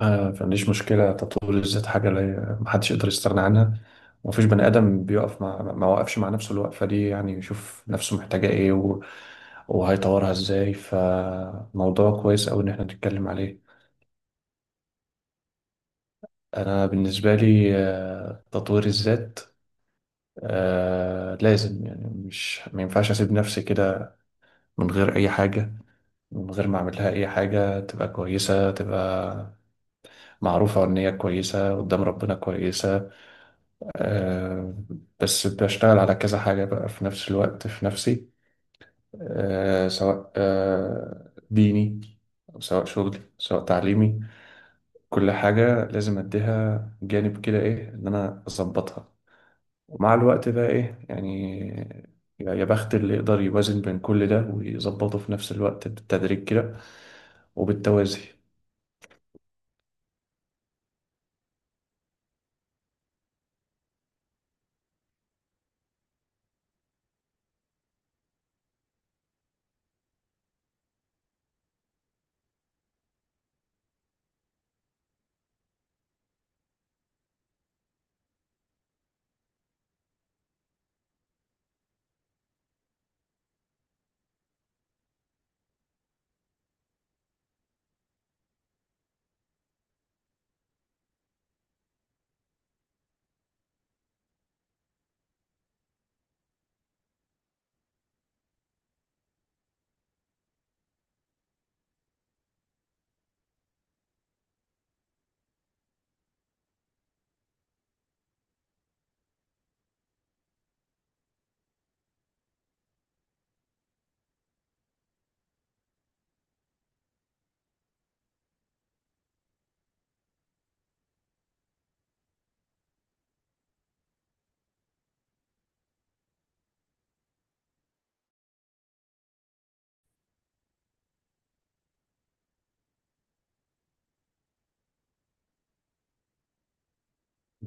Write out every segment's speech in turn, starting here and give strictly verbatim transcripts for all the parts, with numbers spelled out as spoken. آه، ما عنديش مشكلة. تطوير الذات حاجة لا محدش يقدر يستغنى عنها، ومفيش بني آدم بيقف مع ما وقفش مع نفسه الوقفة دي، يعني يشوف نفسه محتاجة إيه و... وهيطورها إزاي. فموضوع كويس أوي إن إحنا نتكلم عليه. أنا بالنسبة لي آه، تطوير الذات آه، لازم، يعني مش ما ينفعش أسيب نفسي كده من غير أي حاجة، من غير ما أعمل لها أي حاجة تبقى كويسة، تبقى معروفة إن هي كويسة قدام ربنا كويسة. آه، بس بشتغل على كذا حاجة بقى في نفس الوقت في نفسي. آه، سواء آه، ديني أو سواء شغلي سواء تعليمي. كل حاجة لازم أديها جانب كده، إيه، إن أنا أظبطها. ومع الوقت بقى، إيه يعني، يا يا بخت اللي يقدر يوازن بين كل ده ويظبطه في نفس الوقت بالتدريج كده وبالتوازي.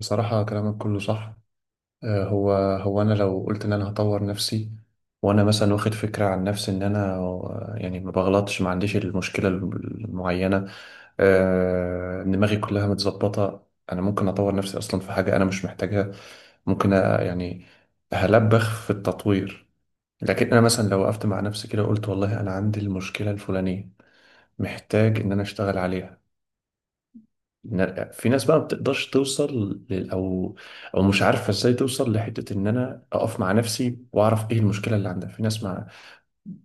بصراحة كلامك كله صح. آه، هو هو انا لو قلت ان انا هطور نفسي وانا مثلا واخد فكره عن نفسي ان انا، آه، يعني ما بغلطش، ما عنديش المشكله المعينه، آه، دماغي كلها متظبطه، انا ممكن اطور نفسي اصلا في حاجه انا مش محتاجها. ممكن أ- يعني هلبخ في التطوير. لكن انا مثلا لو وقفت مع نفسي كده وقلت والله انا عندي المشكله الفلانيه، محتاج ان انا اشتغل عليها. نرجع، في ناس بقى ما بتقدرش توصل لل- او او مش عارفه ازاي توصل لحته ان انا اقف مع نفسي واعرف ايه المشكله اللي عندها. في ناس ما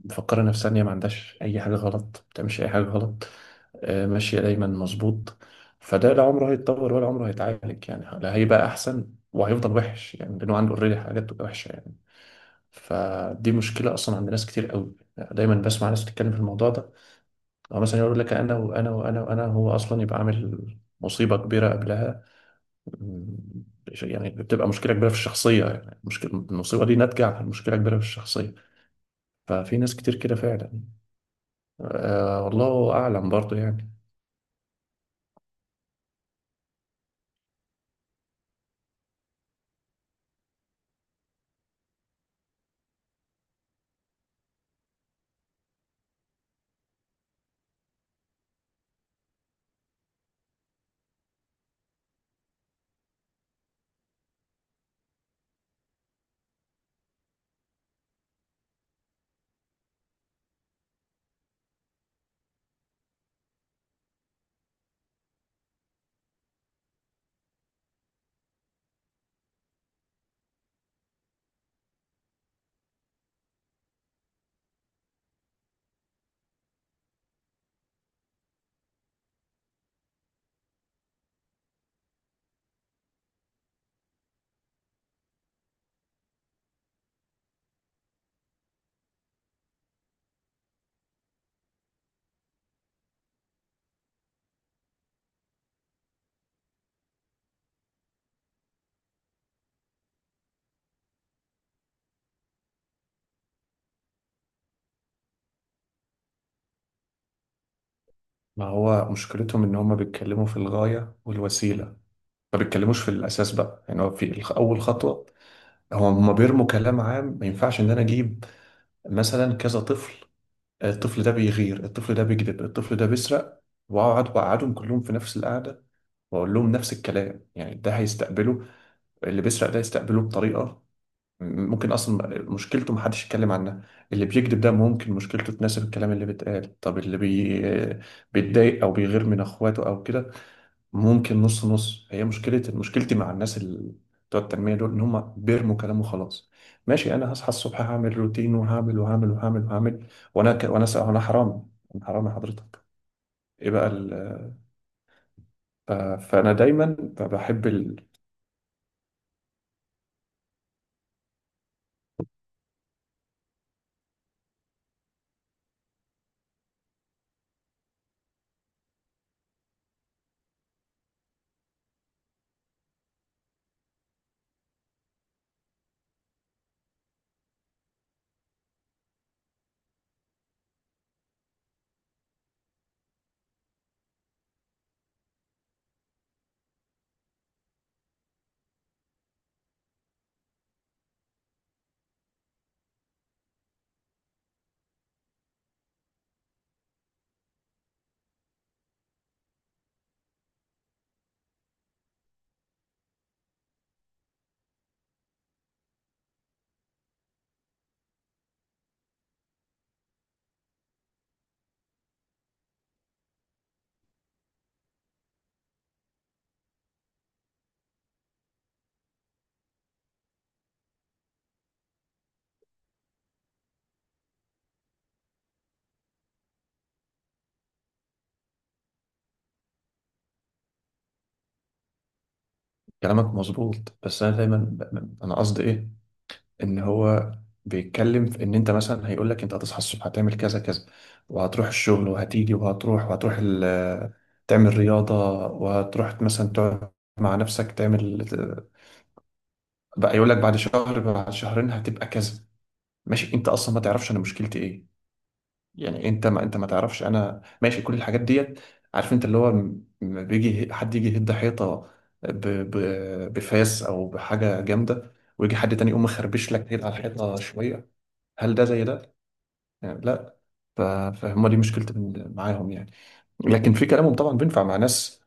مفكره نفسها ان هي ما عندهاش اي حاجه غلط، ما بتعملش اي حاجه غلط، آه، ماشيه دايما مظبوط. فده لا عمره هيتطور ولا عمره هيتعالج، يعني لا هيبقى احسن وهيفضل وحش يعني، لانه عنده اوريدي حاجات وحشه يعني. فدي مشكله اصلا عند ناس كتير قوي، دايما بسمع ناس بتتكلم في الموضوع ده. او مثلا يقول لك انا وانا وانا وانا، هو اصلا يبقى عامل مصيبه كبيره قبلها. مم. يعني بتبقى مشكله كبيره في الشخصيه، يعني مشكله المصيبه دي ناتجه عن مشكله كبيره في الشخصيه. ففي ناس كتير كده فعلا. آه والله اعلم برضه يعني. ما هو مشكلتهم ان هم بيتكلموا في الغايه والوسيله، ما بيتكلموش في الاساس بقى، يعني هو في الخ- اول خطوه. هو هم بيرموا كلام عام. ما ينفعش ان انا اجيب مثلا كذا طفل، الطفل ده بيغير الطفل ده بيكذب الطفل ده بيسرق، واقعد بقعدهم كلهم في نفس القعده واقول لهم نفس الكلام. يعني ده هيستقبله اللي بيسرق ده يستقبله بطريقه، ممكن اصلا مشكلته محدش يتكلم عنها. اللي بيكذب ده ممكن مشكلته تناسب الكلام اللي بيتقال. طب اللي بي... بيتضايق او بيغير من اخواته او كده، ممكن نص نص. هي مشكلة مشكلتي مع الناس اللي بتوع التنمية دول إن هم بيرموا كلام وخلاص. ماشي، أنا هصحى الصبح هعمل روتين وهعمل وهعمل وهعمل وهعمل، وأنا ك... وأنا س... أنا حرام، أنا حرام يا حضرتك. إيه بقى ال... ف... فأنا دايما ب- بحب ال... كلامك مظبوط. بس أنا دايما ب... أنا قصدي إيه، ان هو بيتكلم في ان انت مثلا، هيقول لك انت هتصحى الصبح هتعمل كذا كذا وهتروح الشغل وهتيجي وهتروح وهتروح ال... تعمل رياضة، وهتروح مثلا تقعد مع نفسك تعمل. بقى يقول لك بعد شهر بعد شهرين هتبقى كذا. ماشي، انت اصلا ما تعرفش انا مشكلتي ايه، يعني انت ما انت ما تعرفش انا ماشي كل الحاجات ديت. عارف انت اللي هو، لما بيجي حد يجي يهد حيطة ب... ب... بفاس او بحاجة جامدة، ويجي حد تاني يقوم مخربش لك كده على الحيطة شوية، هل ده زي ده؟ يعني لا. ف- فهم دي مشكلتي من- معاهم يعني. لكن في كلامهم طبعا بينفع مع ناس.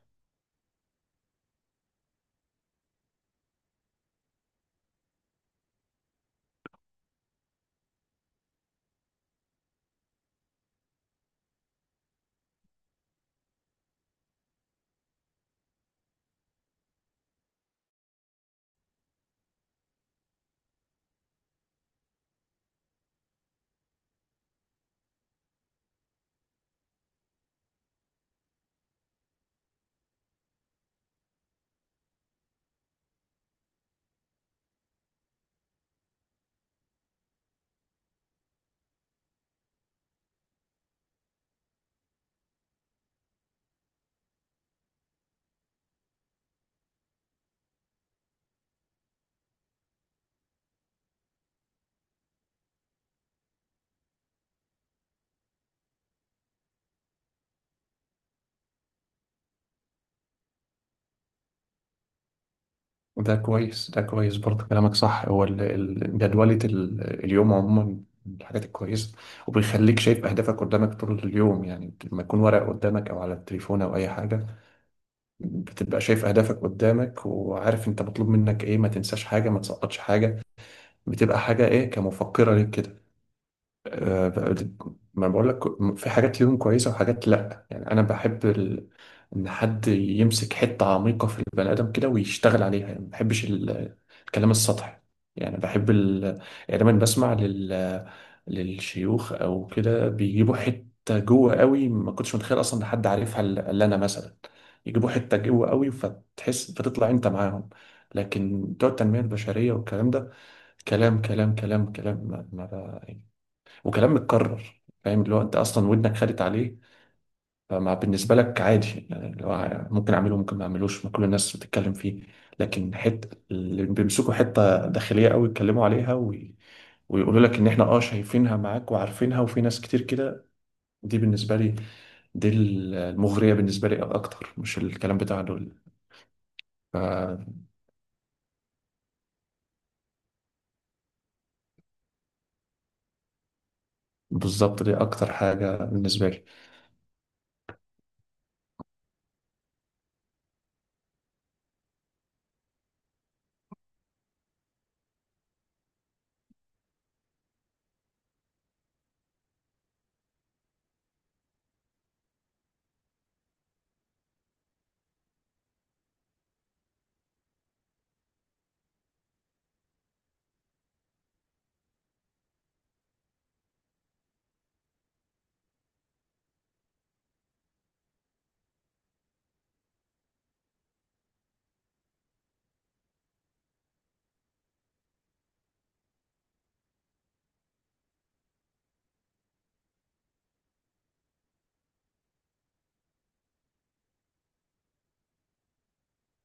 ده كويس، ده كويس، برضه كلامك صح. هو ال- ال- جدولة ال- اليوم عموما من الحاجات الكويسة، وبيخليك شايف أهدافك قدامك طول اليوم. يعني لما يكون ورق قدامك أو على التليفون أو أي حاجة، بتبقى شايف أهدافك قدامك وعارف أنت مطلوب منك إيه، ما تنساش حاجة ما تسقطش حاجة، بتبقى حاجة إيه، كمفكرة ليك كده. آه، ما بقول لك، في حاجات ليهم كويسة وحاجات لأ. يعني أنا بحب ال... إن حد يمسك حتة عميقة في البني آدم كده ويشتغل عليها. يعني ما بحبش ال... الكلام السطحي. يعني بحب ال... يعني لما بسمع لل... للشيوخ أو كده، بيجيبوا حتة جوه قوي ما كنتش متخيل أصلا إن حد عارفها إلا إلا أنا مثلا، يجيبوا حتة جوه قوي فتحس فتطلع أنت معاهم. لكن بتوع التنمية البشرية والكلام ده، كلام كلام كلام كلام، ما ما بقى. وكلام متكرر، فاهم، اللي هو انت اصلا ودنك خدت عليه، فما بالنسبه لك عادي، يعني اللي هو ممكن اعمله ممكن ما اعملوش، ما كل الناس بتتكلم فيه. لكن حته اللي بيمسكوا حته داخليه قوي يتكلموا عليها وي... ويقولوا لك ان احنا اه شايفينها معاك وعارفينها وفي ناس كتير كده، دي بالنسبه لي، دي المغريه بالنسبه لي اكتر، مش الكلام بتاع دول. ف- بالظبط دي اكتر حاجه بالنسبه لي.